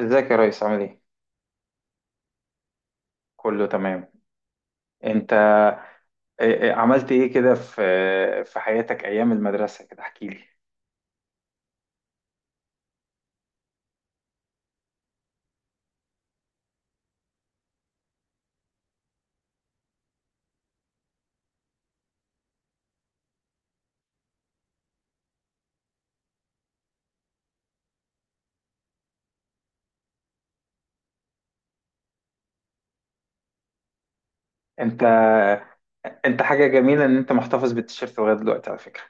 ازيك يا ريس؟ عامل ايه؟ كله تمام. انت عملت ايه كده في في حياتك ايام المدرسة؟ كده احكي لي. انت انت حاجة جميلة ان انت محتفظ بالتيشيرت لغاية دلوقتي على فكرة.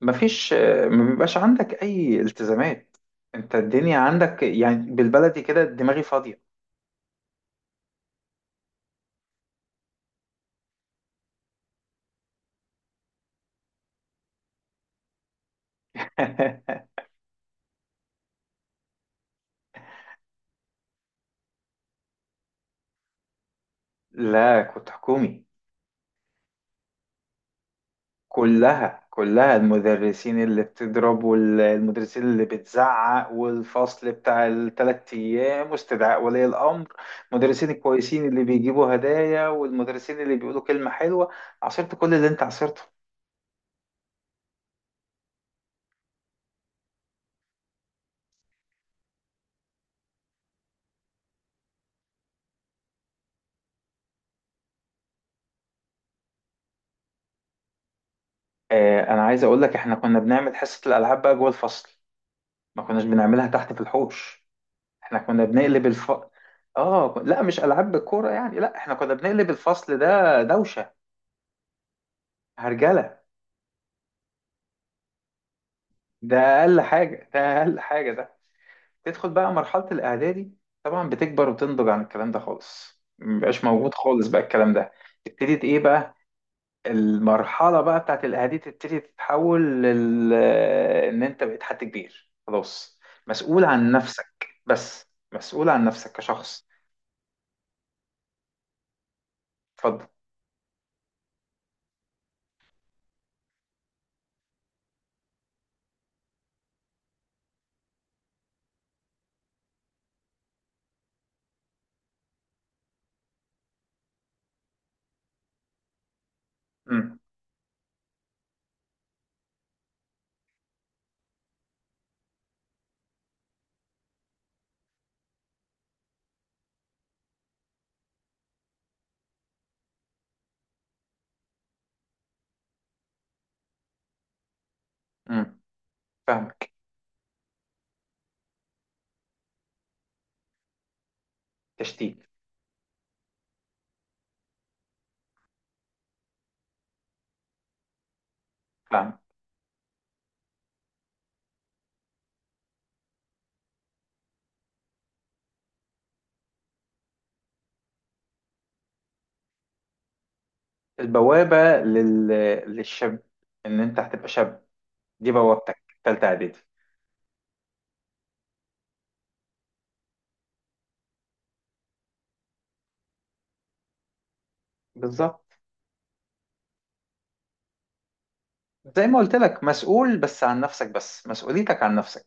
مفيش، ما بيبقاش عندك اي التزامات. انت الدنيا عندك يعني بالبلدي كده دماغي فاضية. لا، كنت حكومي. كلها، كلها المدرسين اللي بتضرب والمدرسين اللي بتزعق والفصل بتاع الثلاث ايام واستدعاء ولي الامر. المدرسين الكويسين اللي بيجيبوا هدايا والمدرسين اللي بيقولوا كلمة حلوة. عصرت كل اللي انت عصرته. آه، انا عايز اقول لك احنا كنا بنعمل حصة الالعاب بقى جوه الفصل، ما كناش بنعملها تحت في الحوش. احنا كنا بنقلب الف. اه لا، مش العاب بالكورة يعني، لا احنا كنا بنقلب الفصل ده دوشة، هرجلة. ده اقل حاجة، ده اقل حاجة ده. تدخل بقى مرحلة الإعدادي، طبعا بتكبر وتنضج عن الكلام ده خالص، مبقاش موجود خالص بقى الكلام ده. ابتدت إيه بقى المرحلة بقى بتاعت الإعدادي، تبتدي تتحول لل، إن أنت بقيت حد كبير خلاص، مسؤول عن نفسك بس، مسؤول عن نفسك كشخص. اتفضل. امم امم فاهمك. تشتيت. فاهم. البوابة لل... للشاب، إن أنت هتبقى شاب، دي بوابتك تالتة إعدادي. بالظبط. زي ما قلت لك، مسؤول بس عن نفسك، بس مسؤوليتك عن نفسك.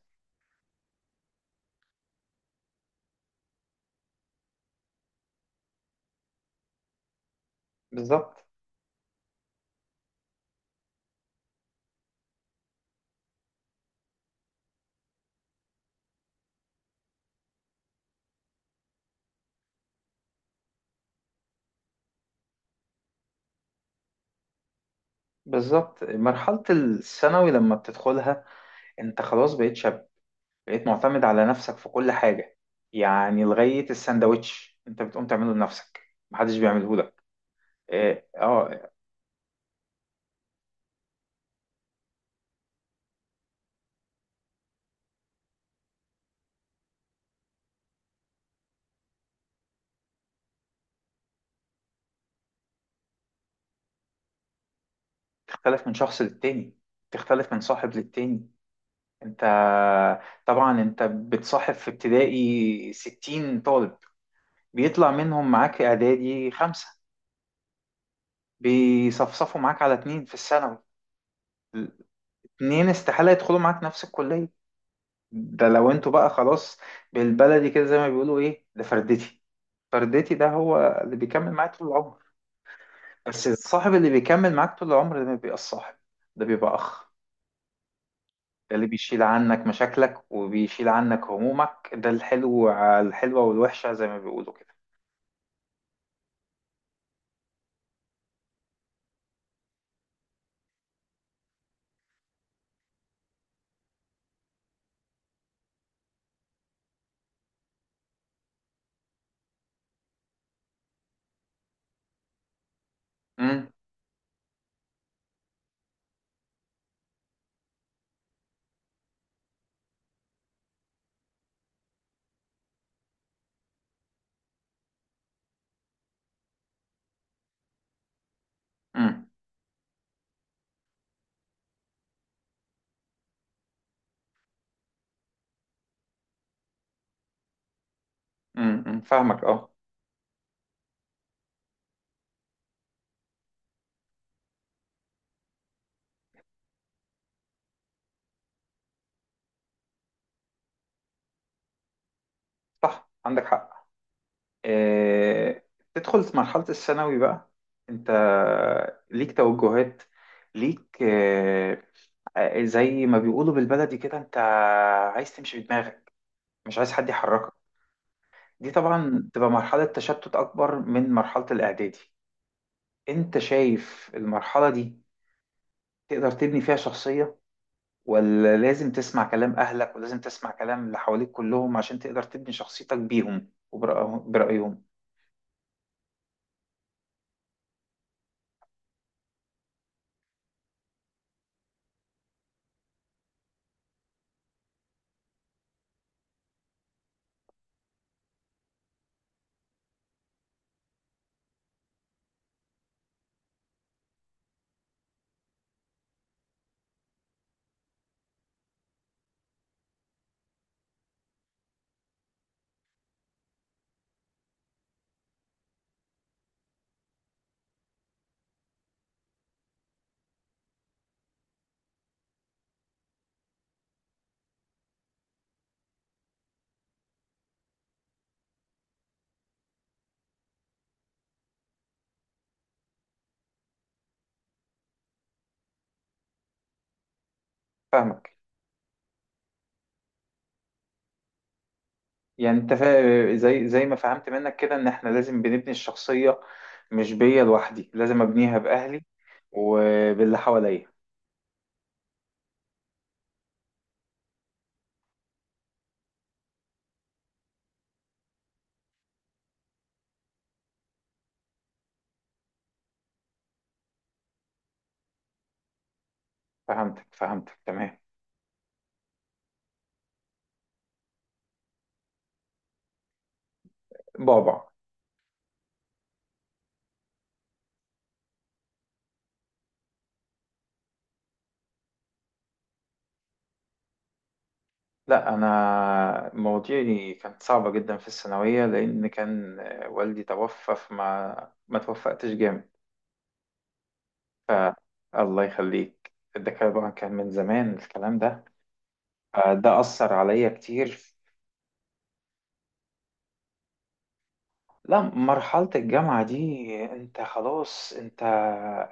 بالظبط. بالظبط مرحلة الثانوي لما بتدخلها، انت خلاص بقيت شاب، بقيت معتمد على نفسك في كل حاجة. يعني لغاية السندوتش انت بتقوم تعمله لنفسك، محدش بيعمله لك. اه تختلف من شخص للتاني، تختلف من صاحب للتاني. انت طبعا انت بتصاحب في ابتدائي 60 طالب، بيطلع منهم معاك اعدادي 5، بيصفصفوا معاك على اتنين في الثانوي. اتنين استحالة يدخلوا معاك نفس الكلية. ده لو انتوا بقى خلاص، بالبلدي كده زي ما بيقولوا ايه، ده فردتي. فردتي ده هو اللي بيكمل معاك طول العمر. بس الصاحب اللي بيكمل معاك طول العمر ده ما بيبقى الصاحب، ده بيبقى أخ. ده اللي بيشيل عنك مشاكلك وبيشيل عنك همومك، ده الحلو على الحلوة والوحشة زي ما بيقولوا كده. امم امم فاهمك اه. صح، عندك حق. آه، تدخل في مرحلة الثانوي بقى، انت ليك توجهات، ليك زي ما بيقولوا بالبلدي كده، انت عايز تمشي بدماغك، مش عايز حد يحركك. دي طبعا تبقى مرحلة تشتت أكبر من مرحلة الإعدادي. انت شايف المرحلة دي تقدر تبني فيها شخصية ولا لازم تسمع كلام أهلك ولازم تسمع كلام اللي حواليك كلهم عشان تقدر تبني شخصيتك بيهم وبرأيهم؟ فاهمك. يعني انت زي زي ما فهمت منك كده ان احنا لازم بنبني الشخصية، مش بيا لوحدي، لازم ابنيها باهلي وباللي حواليا. فهمتك، فهمتك تمام. بابا، لا انا مواضيعي كانت صعبة جدا في الثانوية، لان كان والدي توفى، فما ما توفقتش جامد. ف، الله يخليك، ده طبعا كان من زمان الكلام ده. فده أثر عليا كتير. لا، مرحلة الجامعة دي انت خلاص، انت آه،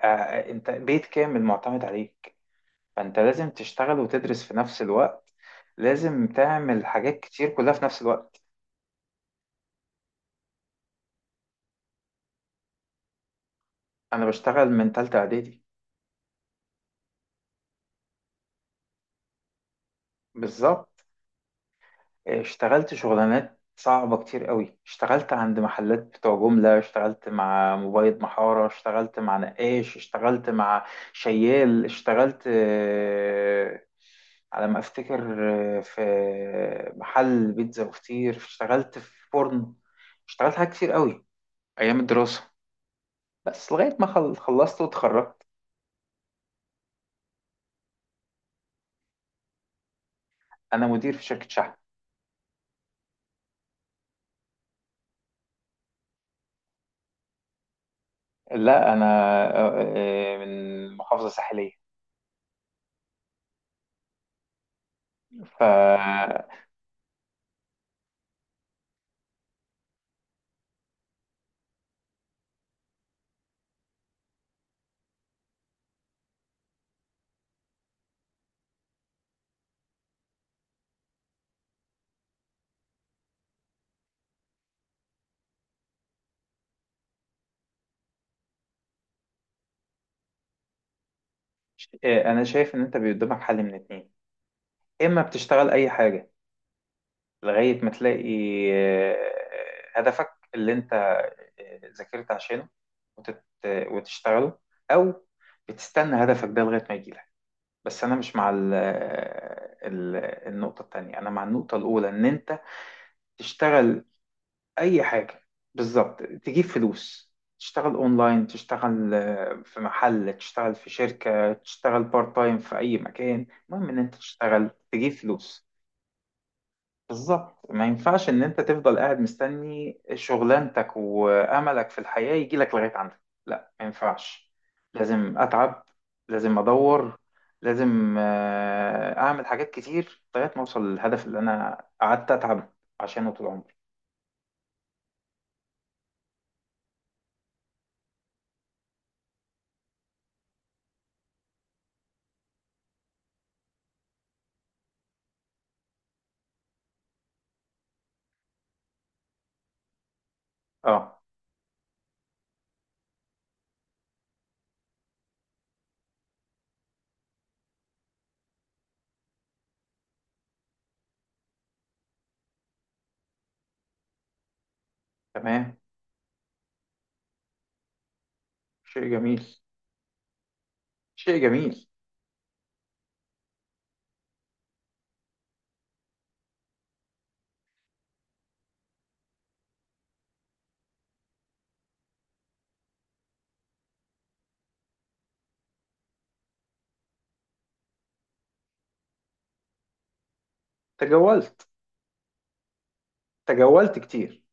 آه، انت بيت كامل معتمد عليك، فانت لازم تشتغل وتدرس في نفس الوقت، لازم تعمل حاجات كتير كلها في نفس الوقت. انا بشتغل من تالتة اعدادي. بالظبط. اشتغلت شغلانات صعبة كتير قوي، اشتغلت عند محلات بتوع جملة، اشتغلت مع مبيض محارة، اشتغلت مع نقاش، اشتغلت مع شيال، اشتغلت على ما افتكر اه، في محل بيتزا وفطير، اشتغلت في فرن. اشتغلت حاجات كتير قوي ايام الدراسة، بس لغاية ما خلصت واتخرجت. انا مدير في شركة شحن. لا انا من محافظة ساحلية. ف، انا شايف ان انت قدامك حل من اتنين: اما بتشتغل اي حاجه لغايه ما تلاقي آه، هدفك اللي انت ذاكرت عشانه وتشتغله، او بتستنى هدفك ده لغايه ما يجيلك. بس انا مش مع النقطه التانية، انا مع النقطه الاولى، ان انت تشتغل اي حاجه. بالظبط. تجيب فلوس. تشتغل اونلاين، تشتغل في محل، تشتغل في شركه، تشتغل بارت تايم في اي مكان، المهم ان انت تشتغل، تجيب فلوس. بالظبط. ما ينفعش ان انت تفضل قاعد مستني شغلانتك واملك في الحياه يجيلك لغايه عندك. لا، ما ينفعش. لازم اتعب، لازم ادور، لازم اعمل حاجات كتير لغايه ما اوصل للهدف اللي انا قعدت اتعب عشانه طول عمري. اه تمام. شيء جميل. شيء جميل. تجولت. تجولت كتير.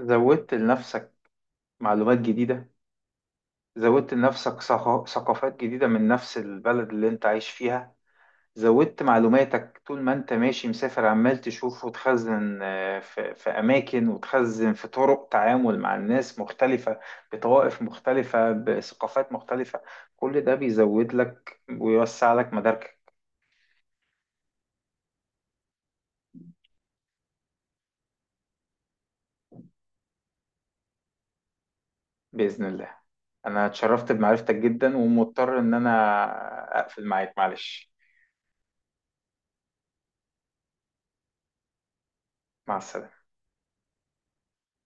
زودت لنفسك معلومات جديدة. زودت لنفسك ثقافات جديدة من نفس البلد اللي انت عايش فيها. زودت معلوماتك طول ما انت ماشي مسافر، عمال تشوف وتخزن في في أماكن، وتخزن في طرق تعامل مع الناس مختلفة، بطوائف مختلفة، بثقافات مختلفة. كل ده بيزود لك ويوسع لك مداركك. بإذن الله. أنا اتشرفت بمعرفتك جدا، ومضطر إن أنا أقفل معاك، معلش. مع السلامة.